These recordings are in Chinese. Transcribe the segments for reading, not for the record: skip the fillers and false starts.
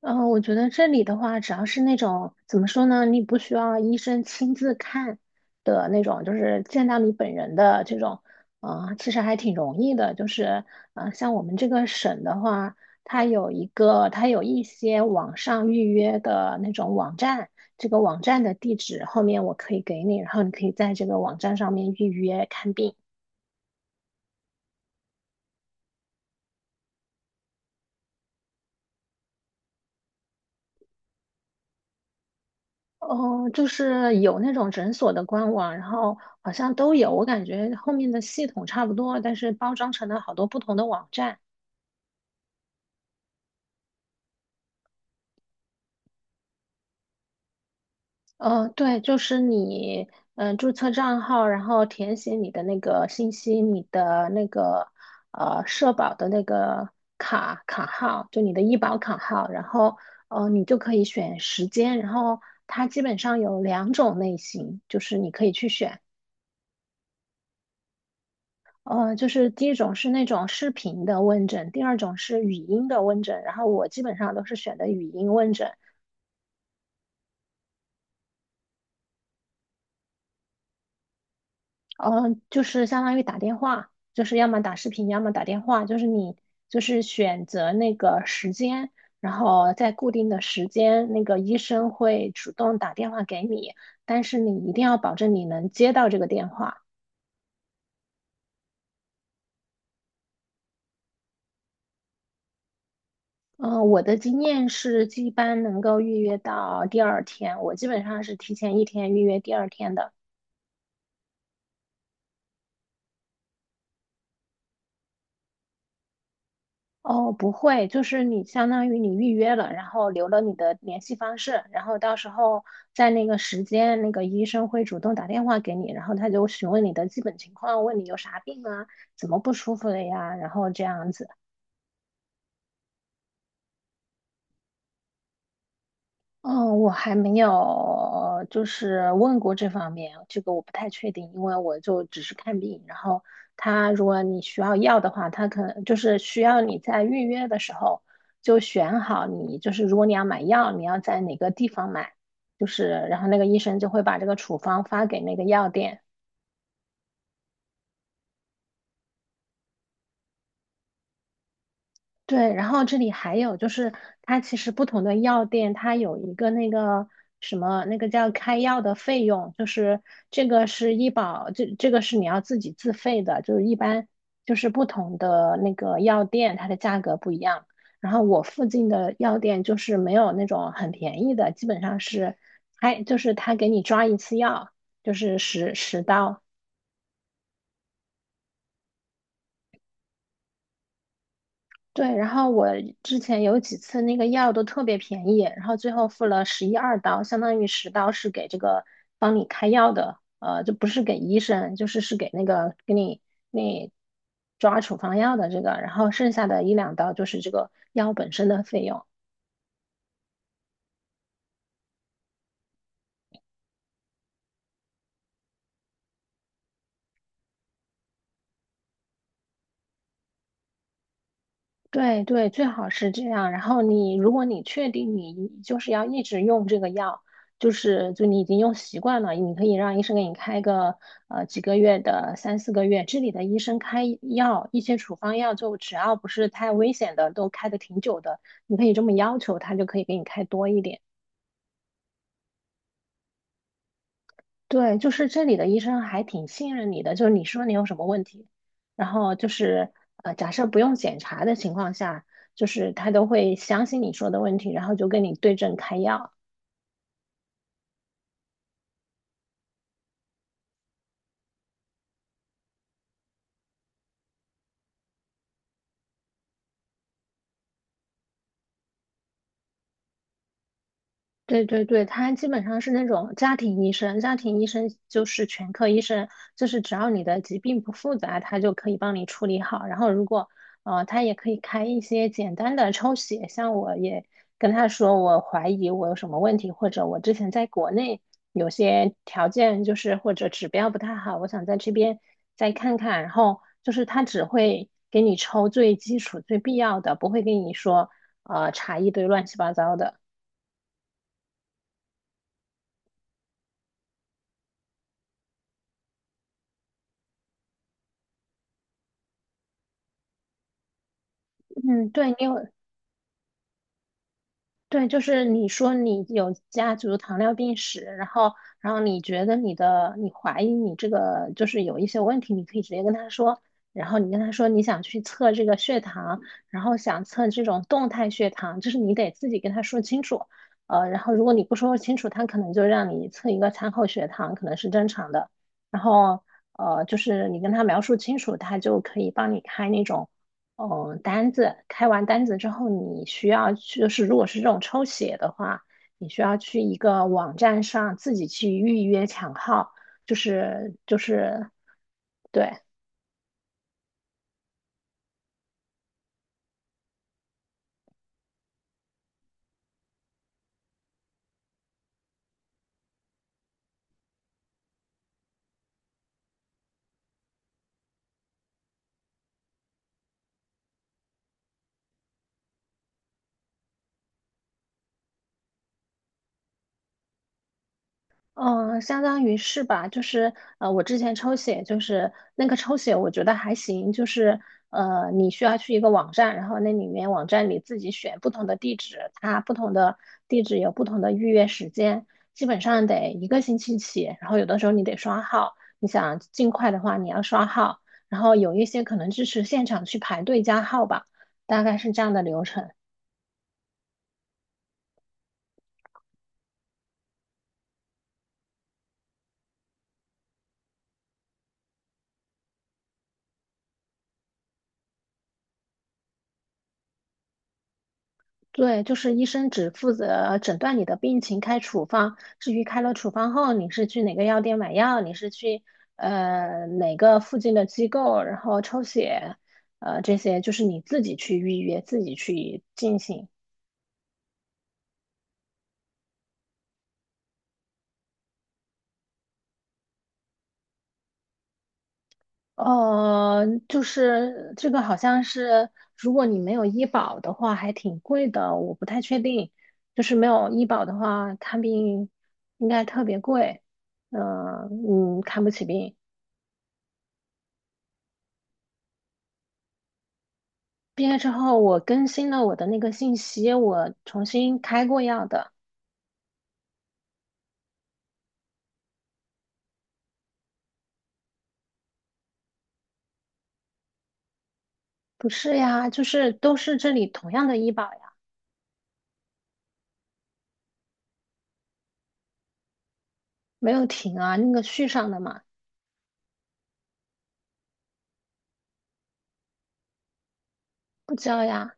嗯，我觉得这里的话，只要是那种怎么说呢，你不需要医生亲自看的那种，就是见到你本人的这种，其实还挺容易的。就是，啊，像我们这个省的话，它有一些网上预约的那种网站，这个网站的地址后面我可以给你，然后你可以在这个网站上面预约看病。哦，就是有那种诊所的官网，然后好像都有，我感觉后面的系统差不多，但是包装成了好多不同的网站。呃，对，就是你，注册账号，然后填写你的那个信息，你的那个社保的那个卡号，就你的医保卡号，然后你就可以选时间，然后它基本上有两种类型，就是你可以去选。就是第一种是那种视频的问诊，第二种是语音的问诊，然后我基本上都是选的语音问诊，就是相当于打电话，就是要么打视频，要么打电话，就是你就是选择那个时间，然后在固定的时间，那个医生会主动打电话给你，但是你一定要保证你能接到这个电话。我的经验是一般能够预约到第二天，我基本上是提前一天预约第二天的。哦，不会，就是你相当于你预约了，然后留了你的联系方式，然后到时候在那个时间，那个医生会主动打电话给你，然后他就询问你的基本情况，问你有啥病啊，怎么不舒服了呀，然后这样子。嗯，我还没有就是问过这方面，这个我不太确定，因为我就只是看病。然后他如果你需要药的话，他可能就是需要你在预约的时候就选好你，就是如果你要买药，你要在哪个地方买，就是然后那个医生就会把这个处方发给那个药店。对，然后这里还有就是，它其实不同的药店，它有一个那个什么，那个叫开药的费用，就是这个是医保，这个是你要自己自费的，就是一般就是不同的那个药店，它的价格不一样。然后我附近的药店就是没有那种很便宜的，基本上是开，就是他给你抓一次药，就是十刀，对，然后我之前有几次那个药都特别便宜，然后最后付了十一二刀，相当于十刀是给这个帮你开药的，就不是给医生，就是给那个给你给你抓处方药的这个，然后剩下的一两刀就是这个药本身的费用。对对，最好是这样。然后你，如果你确定你就是要一直用这个药，就是就你已经用习惯了，你可以让医生给你开个几个月的三四个月，这里的医生开药，一些处方药就只要不是太危险的，都开的挺久的，你可以这么要求，他就可以给你开多一点。对，就是这里的医生还挺信任你的，就是你说你有什么问题，然后就是假设不用检查的情况下，就是他都会相信你说的问题，然后就跟你对症开药。对对对，他基本上是那种家庭医生，家庭医生就是全科医生，就是只要你的疾病不复杂，他就可以帮你处理好。然后他也可以开一些简单的抽血，像我也跟他说，我怀疑我有什么问题，或者我之前在国内有些条件就是或者指标不太好，我想在这边再看看。然后就是他只会给你抽最基础、最必要的，不会跟你说查一堆乱七八糟的。嗯，对你有对，就是你说你有家族糖尿病史，然后，然后你觉得你的，你怀疑你这个就是有一些问题，你可以直接跟他说，然后你跟他说你想去测这个血糖，然后想测这种动态血糖，就是你得自己跟他说清楚，然后如果你不说清楚，他可能就让你测一个餐后血糖，可能是正常的，然后，就是你跟他描述清楚，他就可以帮你开那种。哦，呃单子开完单子之后，你需要去，就是如果是这种抽血的话，你需要去一个网站上自己去预约抢号，就是对，嗯，相当于是吧，就是我之前抽血，就是那个抽血，我觉得还行，就是你需要去一个网站，然后那里面网站里自己选不同的地址，它不同的地址有不同的预约时间，基本上得一个星期起，然后有的时候你得刷号，你想尽快的话，你要刷号，然后有一些可能支持现场去排队加号吧，大概是这样的流程。对，就是医生只负责诊断你的病情，开处方。至于开了处方后，你是去哪个药店买药，你是去哪个附近的机构，然后抽血，这些就是你自己去预约，自己去进行。就是这个好像是，如果你没有医保的话，还挺贵的，我不太确定。就是没有医保的话，看病应该特别贵，看不起病。毕业之后，我更新了我的那个信息，我重新开过药的。不是呀，就是都是这里同样的医保呀，没有停啊，那个续上的嘛，不交呀，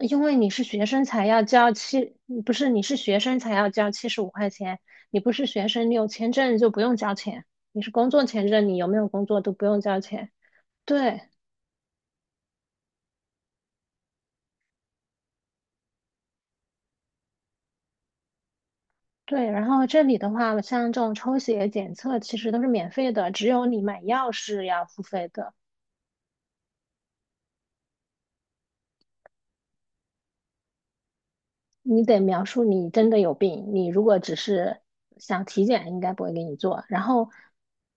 因为你是学生才要交七，不是你是学生才要交75块钱，你不是学生，你有签证就不用交钱，你是工作签证，你有没有工作都不用交钱。对对，然后这里的话，像这种抽血检测其实都是免费的，只有你买药是要付费的。你得描述你真的有病，你如果只是想体检，应该不会给你做。然后，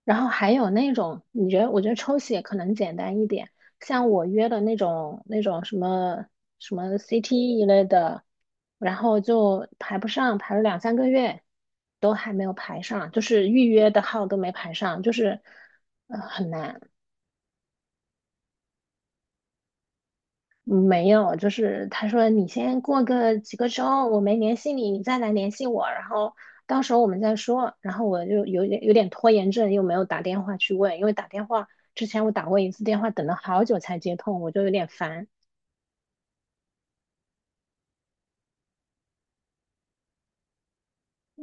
然后还有那种，你觉得，我觉得抽血可能简单一点，像我约的那种什么 CT 一类的，然后就排不上，排了2、3个月都还没有排上，就是预约的号都没排上，就是很难。嗯没有，就是他说你先过个几个周，我没联系你，你再来联系我，然后到时候我们再说。然后我就有点拖延症，又没有打电话去问，因为打电话之前我打过一次电话，等了好久才接通，我就有点烦。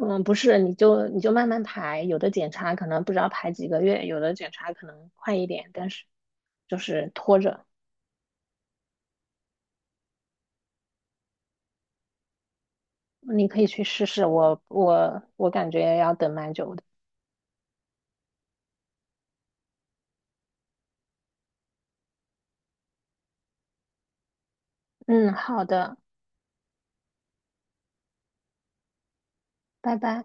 嗯，不是，你就慢慢排，有的检查可能不知道排几个月，有的检查可能快一点，但是就是拖着，嗯你可以去试试，我感觉要等蛮久的。嗯，好的，拜拜。